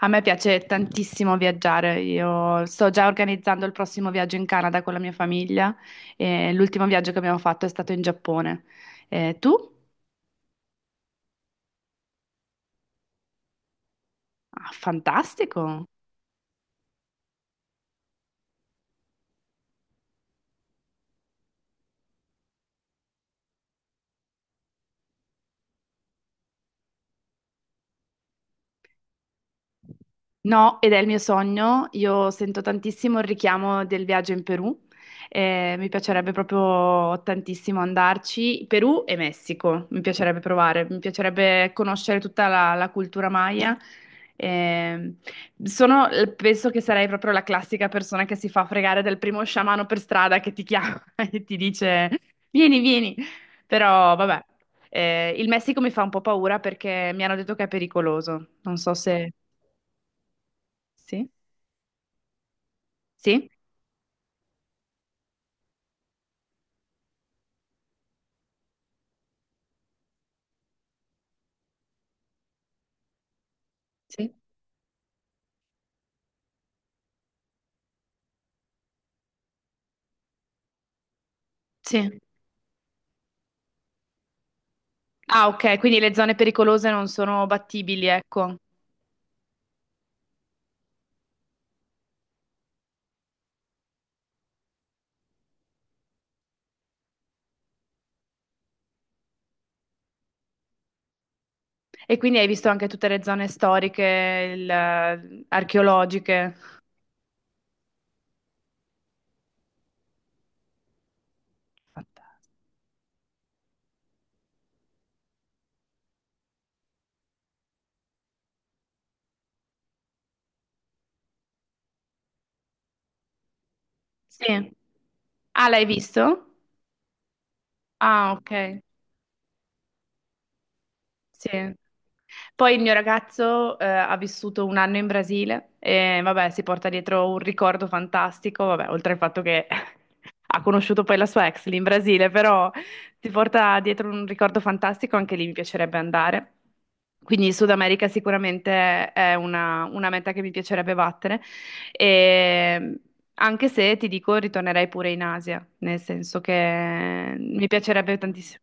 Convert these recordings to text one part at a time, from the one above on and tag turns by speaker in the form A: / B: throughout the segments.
A: A me piace tantissimo viaggiare, io sto già organizzando il prossimo viaggio in Canada con la mia famiglia e l'ultimo viaggio che abbiamo fatto è stato in Giappone. Tu? Ah, fantastico! No, ed è il mio sogno. Io sento tantissimo il richiamo del viaggio in Perù. Mi piacerebbe proprio tantissimo andarci. Perù e Messico, mi piacerebbe provare, mi piacerebbe conoscere tutta la cultura maya. Eh, sono- Penso che sarei proprio la classica persona che si fa fregare dal primo sciamano per strada che ti chiama e ti dice: Vieni, vieni. Però, vabbè, il Messico mi fa un po' paura perché mi hanno detto che è pericoloso. Non so se. Sì? Sì? Sì. Sì. Ah, ok, quindi le zone pericolose non sono battibili, ecco. E quindi hai visto anche tutte le zone storiche, archeologiche. Fantastico. Sì. Ah, l'hai visto? Ah, ok. Sì. Poi il mio ragazzo ha vissuto un anno in Brasile e vabbè, si porta dietro un ricordo fantastico, vabbè, oltre al fatto che ha conosciuto poi la sua ex lì in Brasile, però si porta dietro un ricordo fantastico, anche lì mi piacerebbe andare. Quindi il Sud America sicuramente è una meta che mi piacerebbe battere, e anche se ti dico ritornerei pure in Asia, nel senso che mi piacerebbe tantissimo.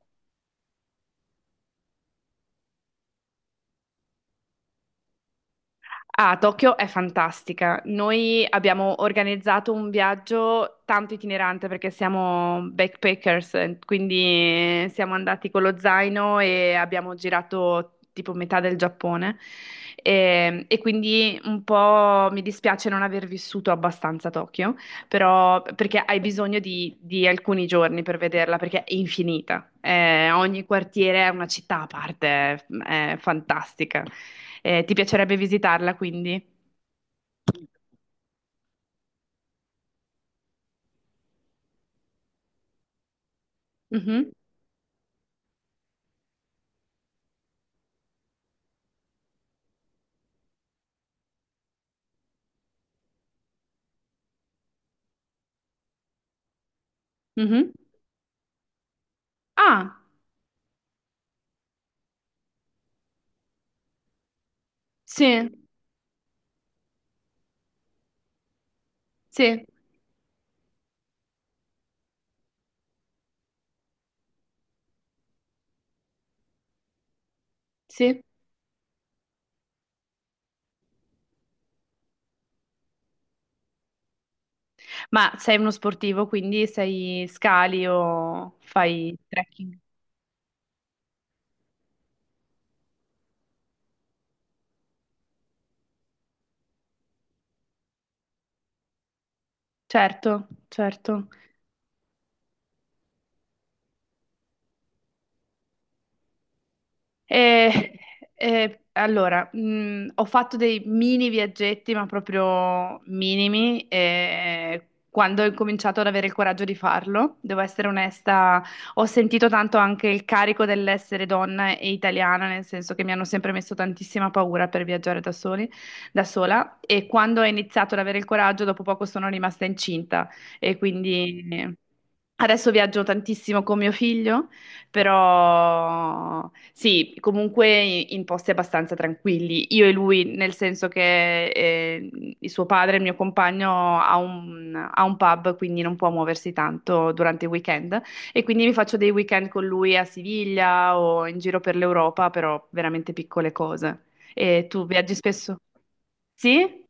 A: Ah, Tokyo è fantastica. Noi abbiamo organizzato un viaggio tanto itinerante perché siamo backpackers, quindi siamo andati con lo zaino e abbiamo girato tipo metà del Giappone. E quindi un po' mi dispiace non aver vissuto abbastanza a Tokyo però perché hai bisogno di alcuni giorni per vederla, perché è infinita. Ogni quartiere è una città a parte, è fantastica. Ti piacerebbe visitarla, quindi? Mhm, mhm. Ah, sì, sì, sì. Ma sei uno sportivo, quindi sei scali o fai trekking? Certo, certo. Eh, allora, ho fatto dei mini viaggetti, ma proprio minimi, quando ho incominciato ad avere il coraggio di farlo, devo essere onesta, ho sentito tanto anche il carico dell'essere donna e italiana, nel senso che mi hanno sempre messo tantissima paura per viaggiare da soli, da sola, e quando ho iniziato ad avere il coraggio, dopo poco sono rimasta incinta e quindi... Adesso viaggio tantissimo con mio figlio però sì, comunque in posti abbastanza tranquilli. Io e lui, nel senso che il suo padre, il mio compagno, ha ha un pub, quindi non può muoversi tanto durante i weekend. E quindi mi faccio dei weekend con lui a Siviglia o in giro per l'Europa, però veramente piccole cose. E tu viaggi spesso? Sì?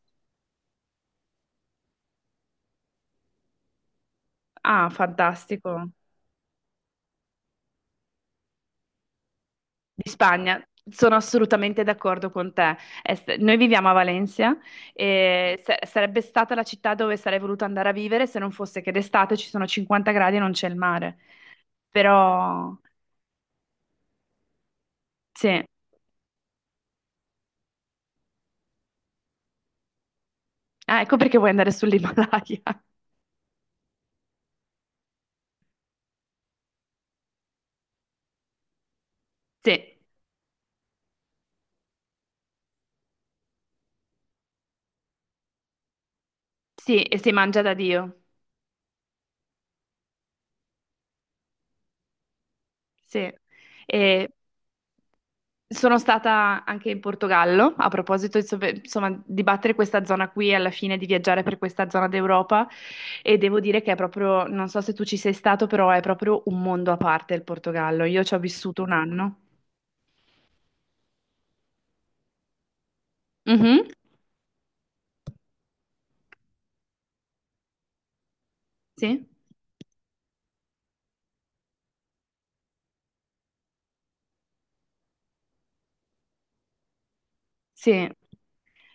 A: Ah, fantastico. Di Spagna, sono assolutamente d'accordo con te. Noi viviamo a Valencia e sarebbe stata la città dove sarei voluto andare a vivere se non fosse che d'estate ci sono 50 gradi e non c'è il mare. Però sì, ah, ecco perché vuoi andare sull'Himalaya. Sì, sì, e si mangia da Dio. Sì. E sono stata anche in Portogallo, a proposito, insomma, insomma, di battere questa zona qui e alla fine di viaggiare per questa zona d'Europa e devo dire che è proprio, non so se tu ci sei stato, però è proprio un mondo a parte il Portogallo. Io ci ho vissuto un anno. Mhm, sì, sì.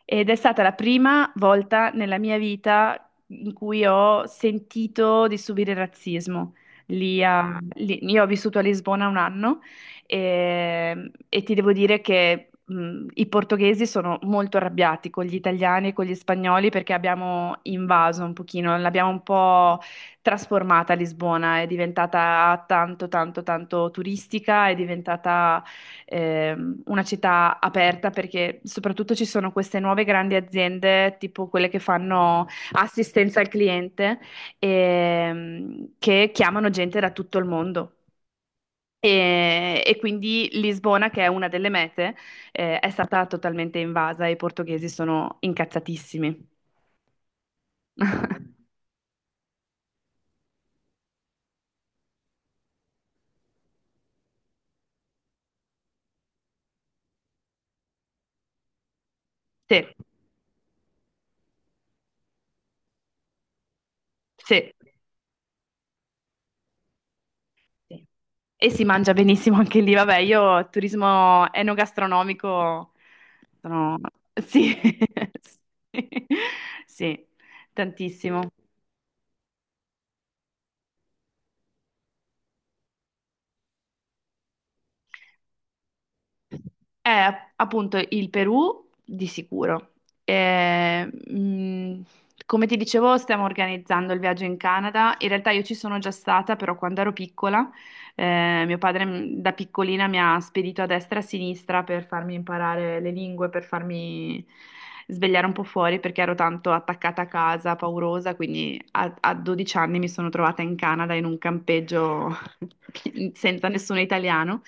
A: Ed è stata la prima volta nella mia vita in cui ho sentito di subire razzismo. Io ho vissuto a Lisbona un anno e ti devo dire che i portoghesi sono molto arrabbiati con gli italiani e con gli spagnoli perché abbiamo invaso un pochino, l'abbiamo un po' trasformata Lisbona, è diventata tanto, tanto, tanto turistica, è diventata una città aperta perché soprattutto ci sono queste nuove grandi aziende, tipo quelle che fanno assistenza al cliente, che chiamano gente da tutto il mondo. E quindi Lisbona, che è una delle mete, è stata totalmente invasa e i portoghesi sono incazzatissimi. Sì, sì. Sì. E si mangia benissimo anche lì, vabbè, io turismo enogastronomico sono... Sì, sì, sì, tantissimo. È appunto il Perù di sicuro. Eh, mh, Come ti dicevo, stiamo organizzando il viaggio in Canada. In realtà io ci sono già stata, però quando ero piccola, mio padre da piccolina mi ha spedito a destra e a sinistra per farmi imparare le lingue, per farmi svegliare un po' fuori perché ero tanto attaccata a casa, paurosa, quindi a 12 anni mi sono trovata in Canada in un campeggio senza nessuno italiano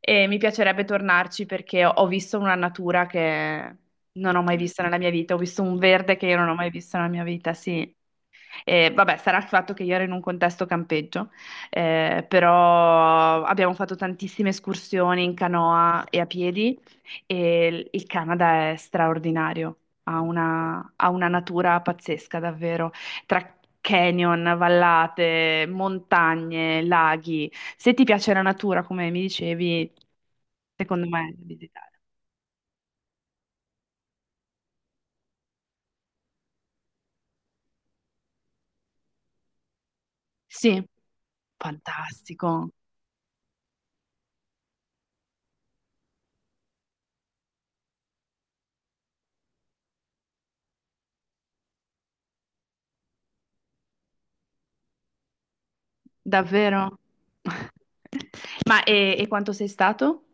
A: e mi piacerebbe tornarci perché ho visto una natura che non ho mai visto nella mia vita, ho visto un verde che io non ho mai visto nella mia vita, sì. E vabbè, sarà il fatto che io ero in un contesto campeggio, però abbiamo fatto tantissime escursioni in canoa e a piedi e il Canada è straordinario, ha ha una natura pazzesca davvero, tra canyon, vallate, montagne, laghi. Se ti piace la natura, come mi dicevi, secondo me, da visitare. Sì, fantastico, davvero. Ma e quanto sei stato?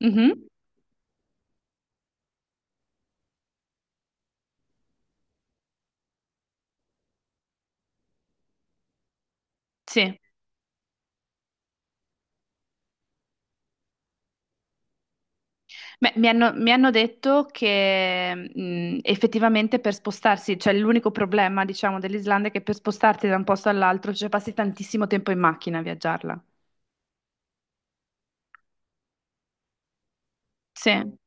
A: Mhm, sì. Beh, mi hanno detto che effettivamente per spostarsi, cioè l'unico problema, diciamo, dell'Islanda è che per spostarti da un posto all'altro, cioè passi tantissimo tempo in macchina a viaggiarla. Sì,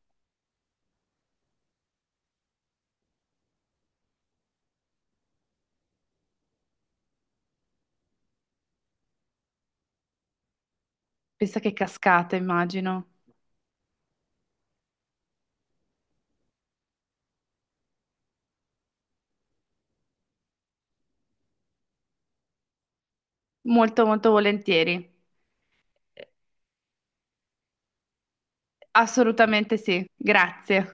A: pensa che cascate, immagino. Molto, molto volentieri. Assolutamente sì, grazie.